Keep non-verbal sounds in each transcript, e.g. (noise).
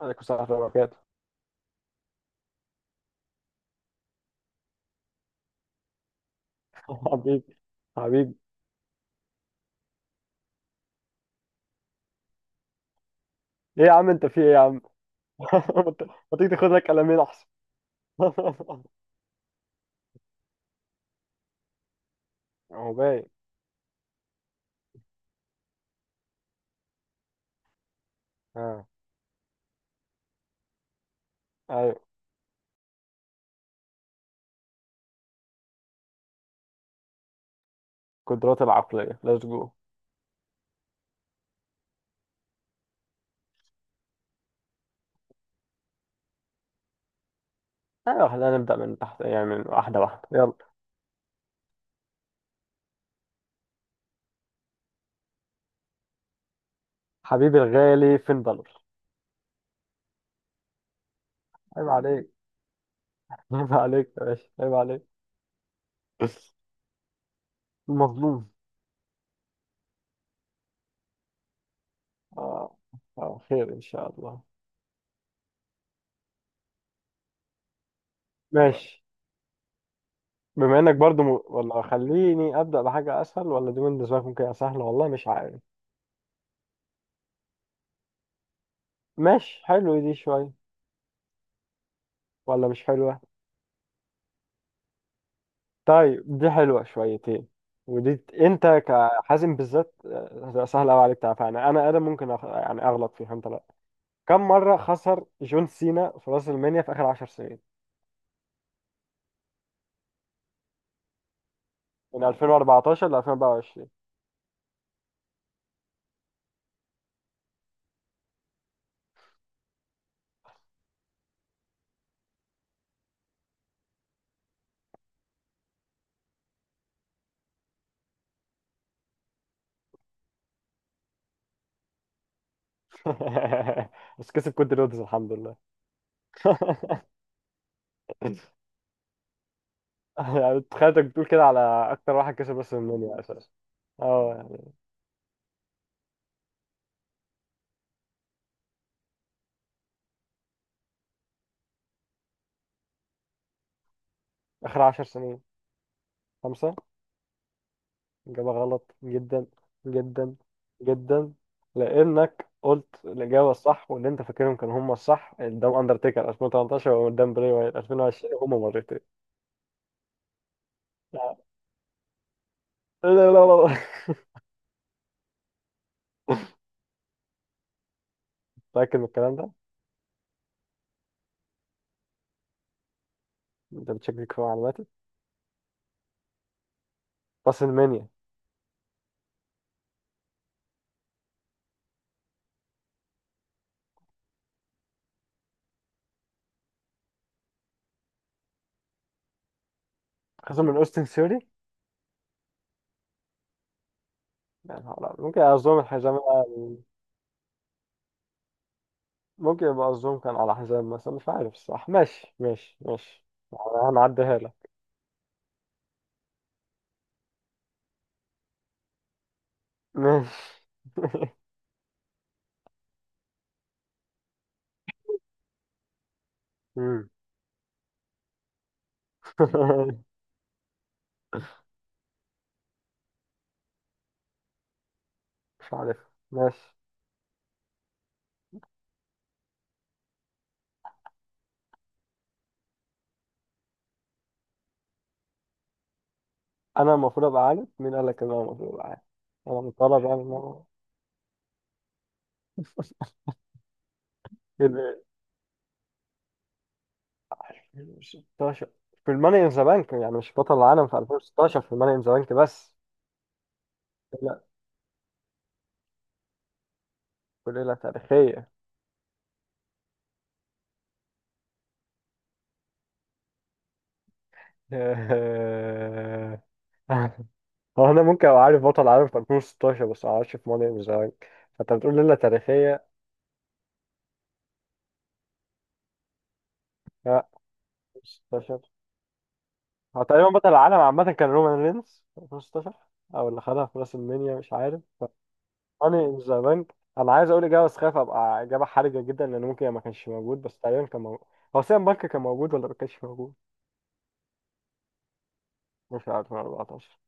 عليكم السلام ورحمة الله وبركاته. (laughs) حبيبي حبيبي. ايه يا عم، انت في ايه يا عم؟ (laughs) ما تيجي تاخد لك قلمين احسن. (laughs) هو باين. اه. ايوه، القدرات العقلية، ليتس جو. ايوه، خلينا نبدأ من تحت، يعني من واحدة واحدة، يلا. حبيبي الغالي، فين بالور؟ عيب عليك. (laughs) عيب عليك يا باشا، عيب عليك. المظلوم. اه. اه، خير ان شاء الله. ماشي. بما انك برضو ولا خليني ابدا بحاجه اسهل، ولا دي بالنسبه لك ممكن تبقى سهله، والله مش عارف. ماشي حلو، دي شويه ولا مش حلوة؟ طيب دي حلوة شويتين، ودي انت كحازم بالذات سهل قوي عليك تعرفها، يعني انا ادم ممكن يعني اغلط فيها، انت لا. كم مرة خسر جون سينا في راس المنيا في اخر 10 سنين؟ من 2014 ل 2024. (laughs) بس كسب كودي رودز، الحمد لله. (laughs) يعني تخيلتك بتقول كده على اكتر واحد كسب راس المنيا اساسا. اه يعني. اخر 10 سنين خمسة. إجابة غلط جدا جدا جدا، لأنك قلت الإجابة الصح، واللي أنت فاكرهم كانوا هم الصح، قدام أندرتيكر 2018 وقدام بري وايت 2020، هما مرتين. لا لا لا لا. متأكد من الكلام ده؟ أنت بتشكك في معلوماتي؟ راسلمانيا. خسر من أوستن ثيوري؟ يعني ممكن أظلم الحزام. ممكن يبقى الظلم كان على حزام مثلا، مش عارف الصح. ماشي ماشي ماشي، يعني هنعديها لك. ماشي. (laughs) مم. (laughs) مش عارف. ماشي. انا المفروض ابقى عارف؟ مين قال لك ان انا المفروض ابقى عارف؟ انا مطالب يعني ان انا كده؟ 16 في الماني ان ذا بانك، يعني مش بطل العالم في 2016 في الماني ان ذا بانك بس؟ لا، في ليله تاريخيه. (laughs) هو انا ممكن ابقى عارف بطل العالم في 2016، بس ما اعرفش في ماني ان ذا بانك. فانت بتقول ليله تاريخيه. لا. 16. هو تقريبا بطل العالم عامه كان رومان رينز في 2016، او اللي خدها في راس المنيا، مش عارف. هاني ان ذا بانك، انا عايز اقول اجابه بس خايف ابقى اجابه حرجه جدا، لان ممكن ما كانش موجود، بس تقريبا كان موجود. هو سام بانك كان موجود ولا ما كانش موجود؟ مش عارف من 14.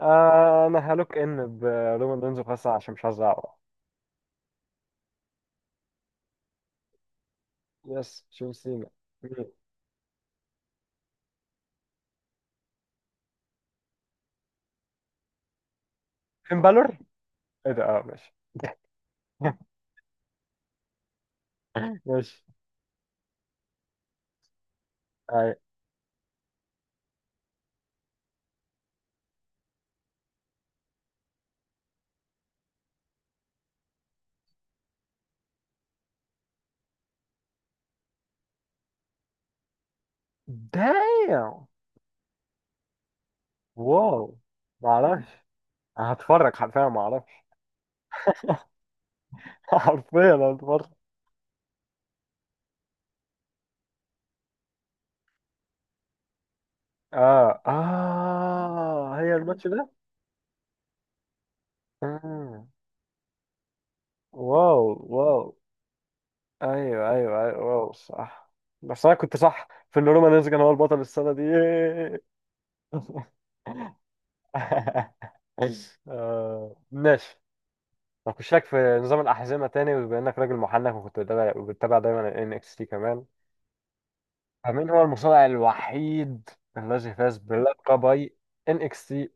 انا هلوك ان برومان رينز، وخاصة عشان مش عايز اعرف. يس، شوف سينا. مين؟ فين بالور. ايه ده. اه ماشي. (laughs) ماشي. اي. دايم. واو. ما اعرفش. هتفرج حرفيا، ما اعرفش. (laughs) حرفيا هتفرج. اه اه، هي الماتش ده. آه. واو. واو، ايوه ايوه ايوه، واو صح. بس انا كنت صح في ان رومان يزجن هو البطل السنه دي، ياه. (laughs) آه، ماشي. هخشك في نظام الاحزمه تاني، بما انك راجل محنك وكنت بتابع وبتتابع دايما ان اكس تي كمان. فمين هو المصارع الوحيد الذي فاز بلقبي ان اكس تي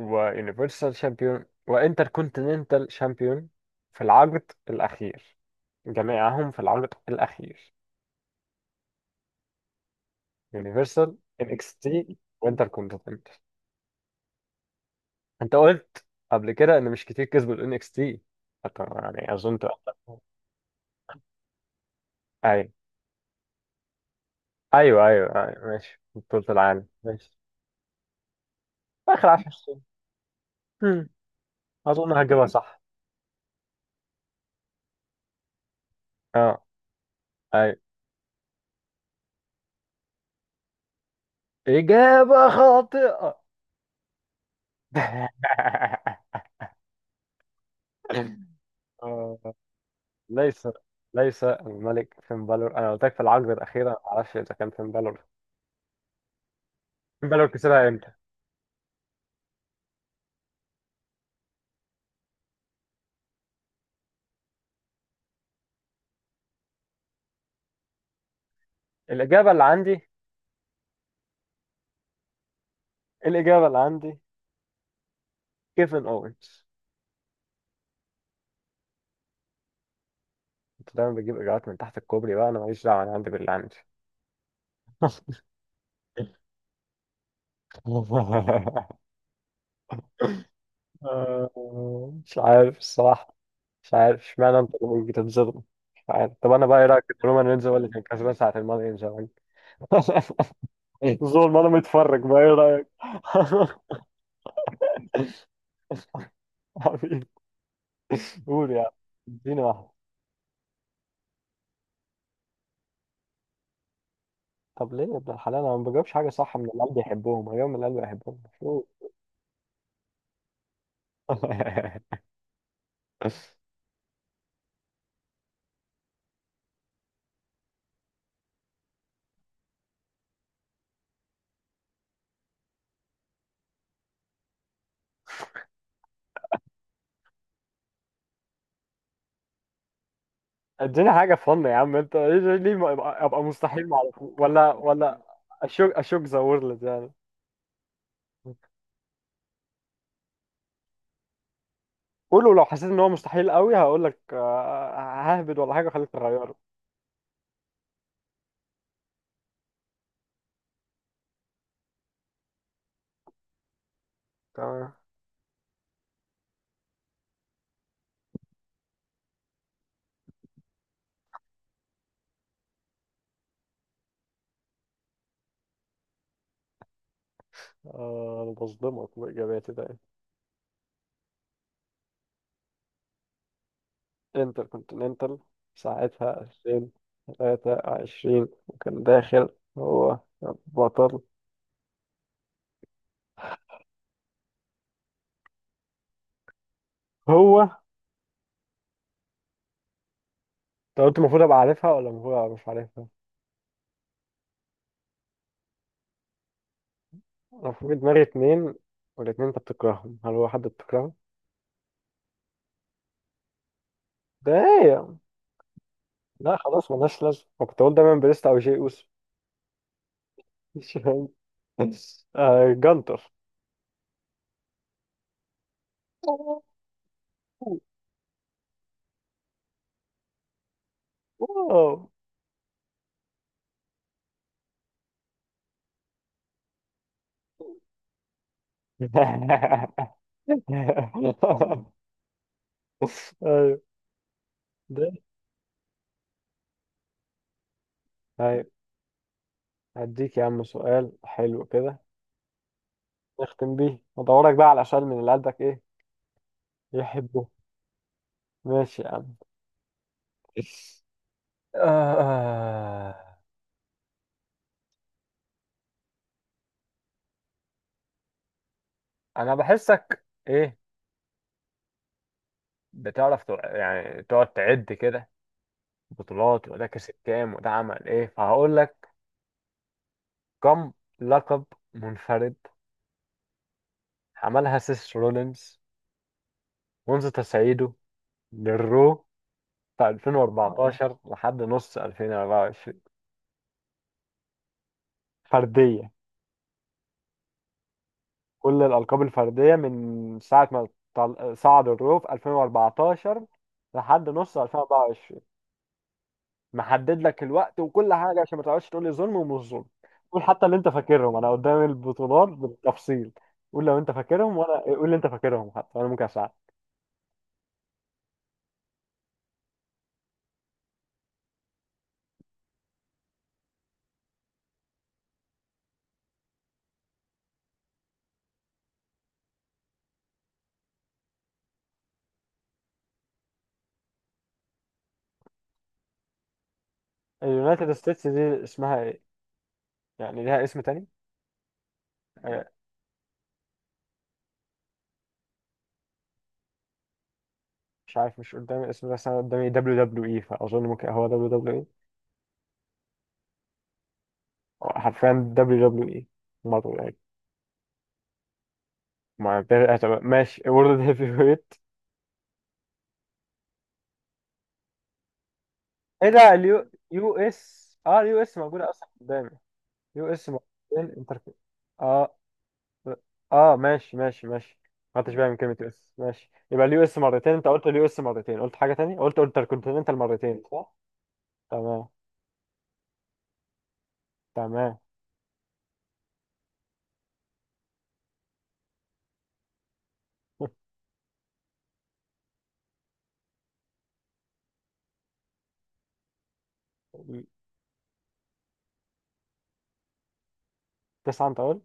ويونيفرسال شامبيون وانتر كونتيننتال شامبيون في العقد الاخير، جميعهم في العقد الاخير؟ يونيفرسال، ان اكس تي، وانتر كونتيننت. انت قلت قبل كده ان مش كتير كسبوا الان اكس تي، يعني اظن تبقى-. ايوه ايوه ايوه ايوه، ماشي، بطولة العالم، ماشي. اخر 10 سنين. هم، اظن هجيبها صح. اه. ايوه. اجابة خاطئة. (laughs) آه، ليس. ليس الملك فين بالور، انا قلت لك في العقبة الأخيرة ما اعرفش اذا كان فين بالور. فين بالور كسبها امتى؟ الاجابة اللي عندي. الاجابة اللي عندي. كيفن اوينز. انت دايما بتجيب اجابات من تحت الكوبري، بقى انا ماليش دعوه، انا عندي باللي عندي. (laughs) آه، مش عارف الصراحه. مش عارف اشمعنى انت اللي بتتظلم. مش عارف. طب انا بقى، ايه رايك ان رومان رينز هو اللي كان كسبان ساعه الماضي، ان شاء الله؟ (laughs) ظلم، انا متفرج بقى، ايه رايك؟ (laughs) حبيبي. قول يا عم، اديني واحده. طب ليه يا ابن الحلال؟ انا ما بجاوبش حاجه صح من اللي قلبي يحبهم، هجاوب من اللي قلبي يحبهم. (laughs) اديني حاجة فن يا عم، انت ليه أبقى مستحيل مع الأخوة؟ ولا. اشوك ذا وورلد يعني. قولوا، لو حسيت ان هو مستحيل قوي هقول لك ههبد، ولا حاجة خليك تغيره. تمام. انا بصدمك باجاباتي ده. انتر كونتيننتال ساعتها 2023، وكان داخل هو بطل. هو انت قلت المفروض ابقى عارفها ولا المفروض ابقى مش عارفها؟ انا في دماغي اتنين، والاتنين انت بتكرههم، هل هو حد بتكرهه؟ ده. لا خلاص، ملهاش لازمة. أنا كنت أقول دايما بريست أو جي أوسو. (laughs) مش فاهم. جانتر. واو. (laughs) ايوه. ده. طيب، هديك يا عم سؤال حلو كده، نختم بيه. ادورك بقى على سؤال من اللي قلبك ايه؟ يحبه. ماشي يا عم. آه. انا بحسك ايه؟ بتعرف يعني تقعد تعد كده بطولات، وده كسب كام وده عمل ايه، فهقول لك كم لقب منفرد عملها سيس رولينز منذ تصعيده للرو في 2014 لحد نص 2024؟ فردية. كل الألقاب الفردية من ساعة ما صعد الرو في 2014 لحد نص 2024. محدد لك الوقت وكل حاجة عشان ما تقعدش تقول لي ظلم ومش ظلم. قول حتى اللي أنت فاكرهم، أنا قدام البطولات بالتفصيل. قول لو أنت فاكرهم وأنا قول اللي أنت فاكرهم، حتى أنا ممكن أساعدك. اليونايتد ستيتس دي اسمها إيه؟ يعني ليها اسم تاني. آه، مش عارف، مش قدامي الاسم ده، بس انا قدامي دبليو دبليو اي، فاظن ممكن هو دبليو دبليو اي. حرفيا دبليو دبليو اي مره، يعني. ما ده- طب ماشي. (laughs) وورلد هيفي ويت. ايه ده؟ اليو يو اس. اه اليو اس موجوده اصلا قدامي. يو اس موجودين، انتر. اه. اه ماشي ماشي ماشي. ما خدتش بالي من كلمه يو اس، ماشي. يبقى اليو اس مرتين، انت قلت اليو اس مرتين، قلت حاجه تانية، قلت انتر كونتيننتال مرتين، صح؟ تمام. تمام. (laughs) تسعه انت قلت.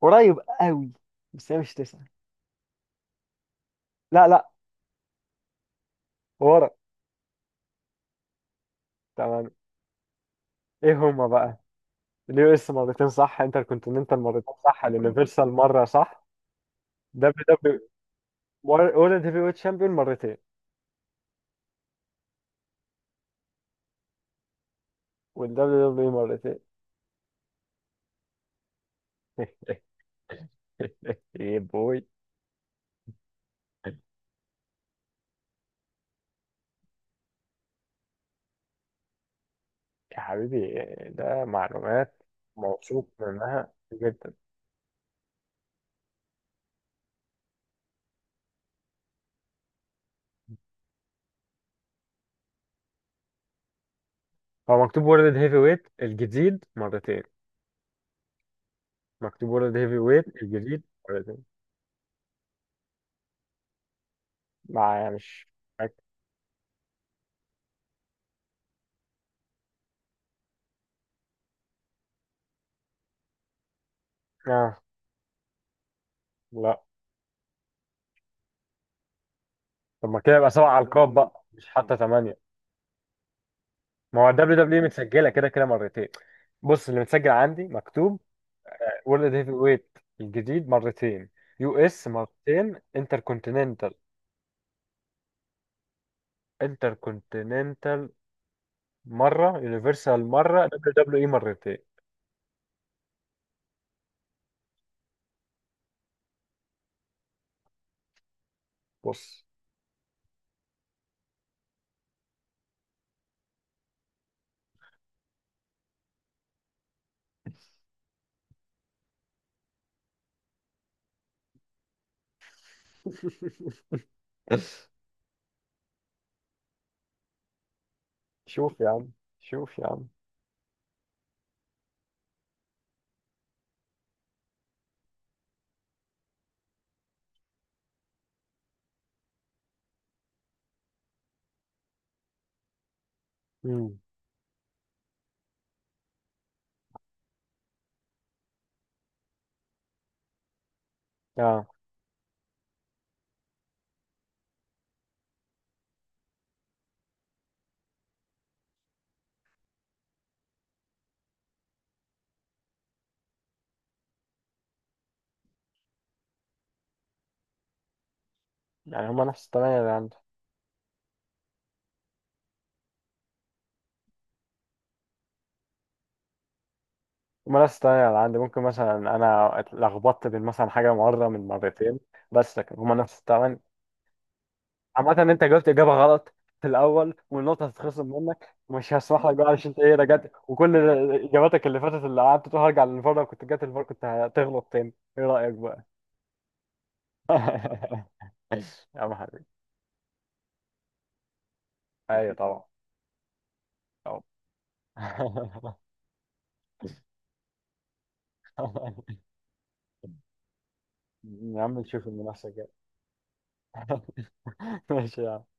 قريب قوي، بس هي مش تسعة. لا لا. ورا. تمام. ايه هما بقى؟ اليو اس مرتين صح، انتركونتيننتال مرتين صح، اليونيفرسال مرة صح. دبليو دبليو. وورلد هيفي ويت شامبيون مرتين. والدبليو دبليو مرتين. (laughs) ايه بوي. يا حبيبي، ده معلومات موثوق منها جدا. هو مكتوب وورلد هيفي ويت الجديد مرتين. مكتوب وورلد هيفي ويت الجديد مرتين. ما مش فاكر. آه. لا. طب ما كده يبقى سبع ألقاب بقى، مش حتى ثمانية. ما هو دبليو دبليو اي متسجلة كده كده مرتين. بص، اللي متسجل عندي مكتوب وورلد هيفي ويت الجديد مرتين، يو اس مرتين، انتر كونتيننتال. انتر كونتيننتال مرة، يونيفرسال مرة، دبليو دبليو اي مرتين. بص. (laughs) شوف يا عم. شوف يا عم. مم. اه. يعني هما نفس الثمانية اللي عندي. هما نفس الثمانية اللي عندي، ممكن مثلا أنا اتلخبطت بين مثلا حاجة مرة من مرتين، بس لكن هما نفس الثمانية. عامة انت جاوبت اجابة غلط في الاول، والنقطة هتتخصم منك، ومش هسمح لك بقى، عشان انت ايه، رجعت وكل اجاباتك اللي فاتت اللي قعدت تقول هرجع للفار، لو كنت جات الفار كنت هتغلط تاني، ايه رأيك بقى؟ (laughs) يا عم حبيبي. ايوه طبعا. طبعا. (laughs) يا عم نشوف المنافسة الجاية. (laughs) ماشي يا عم.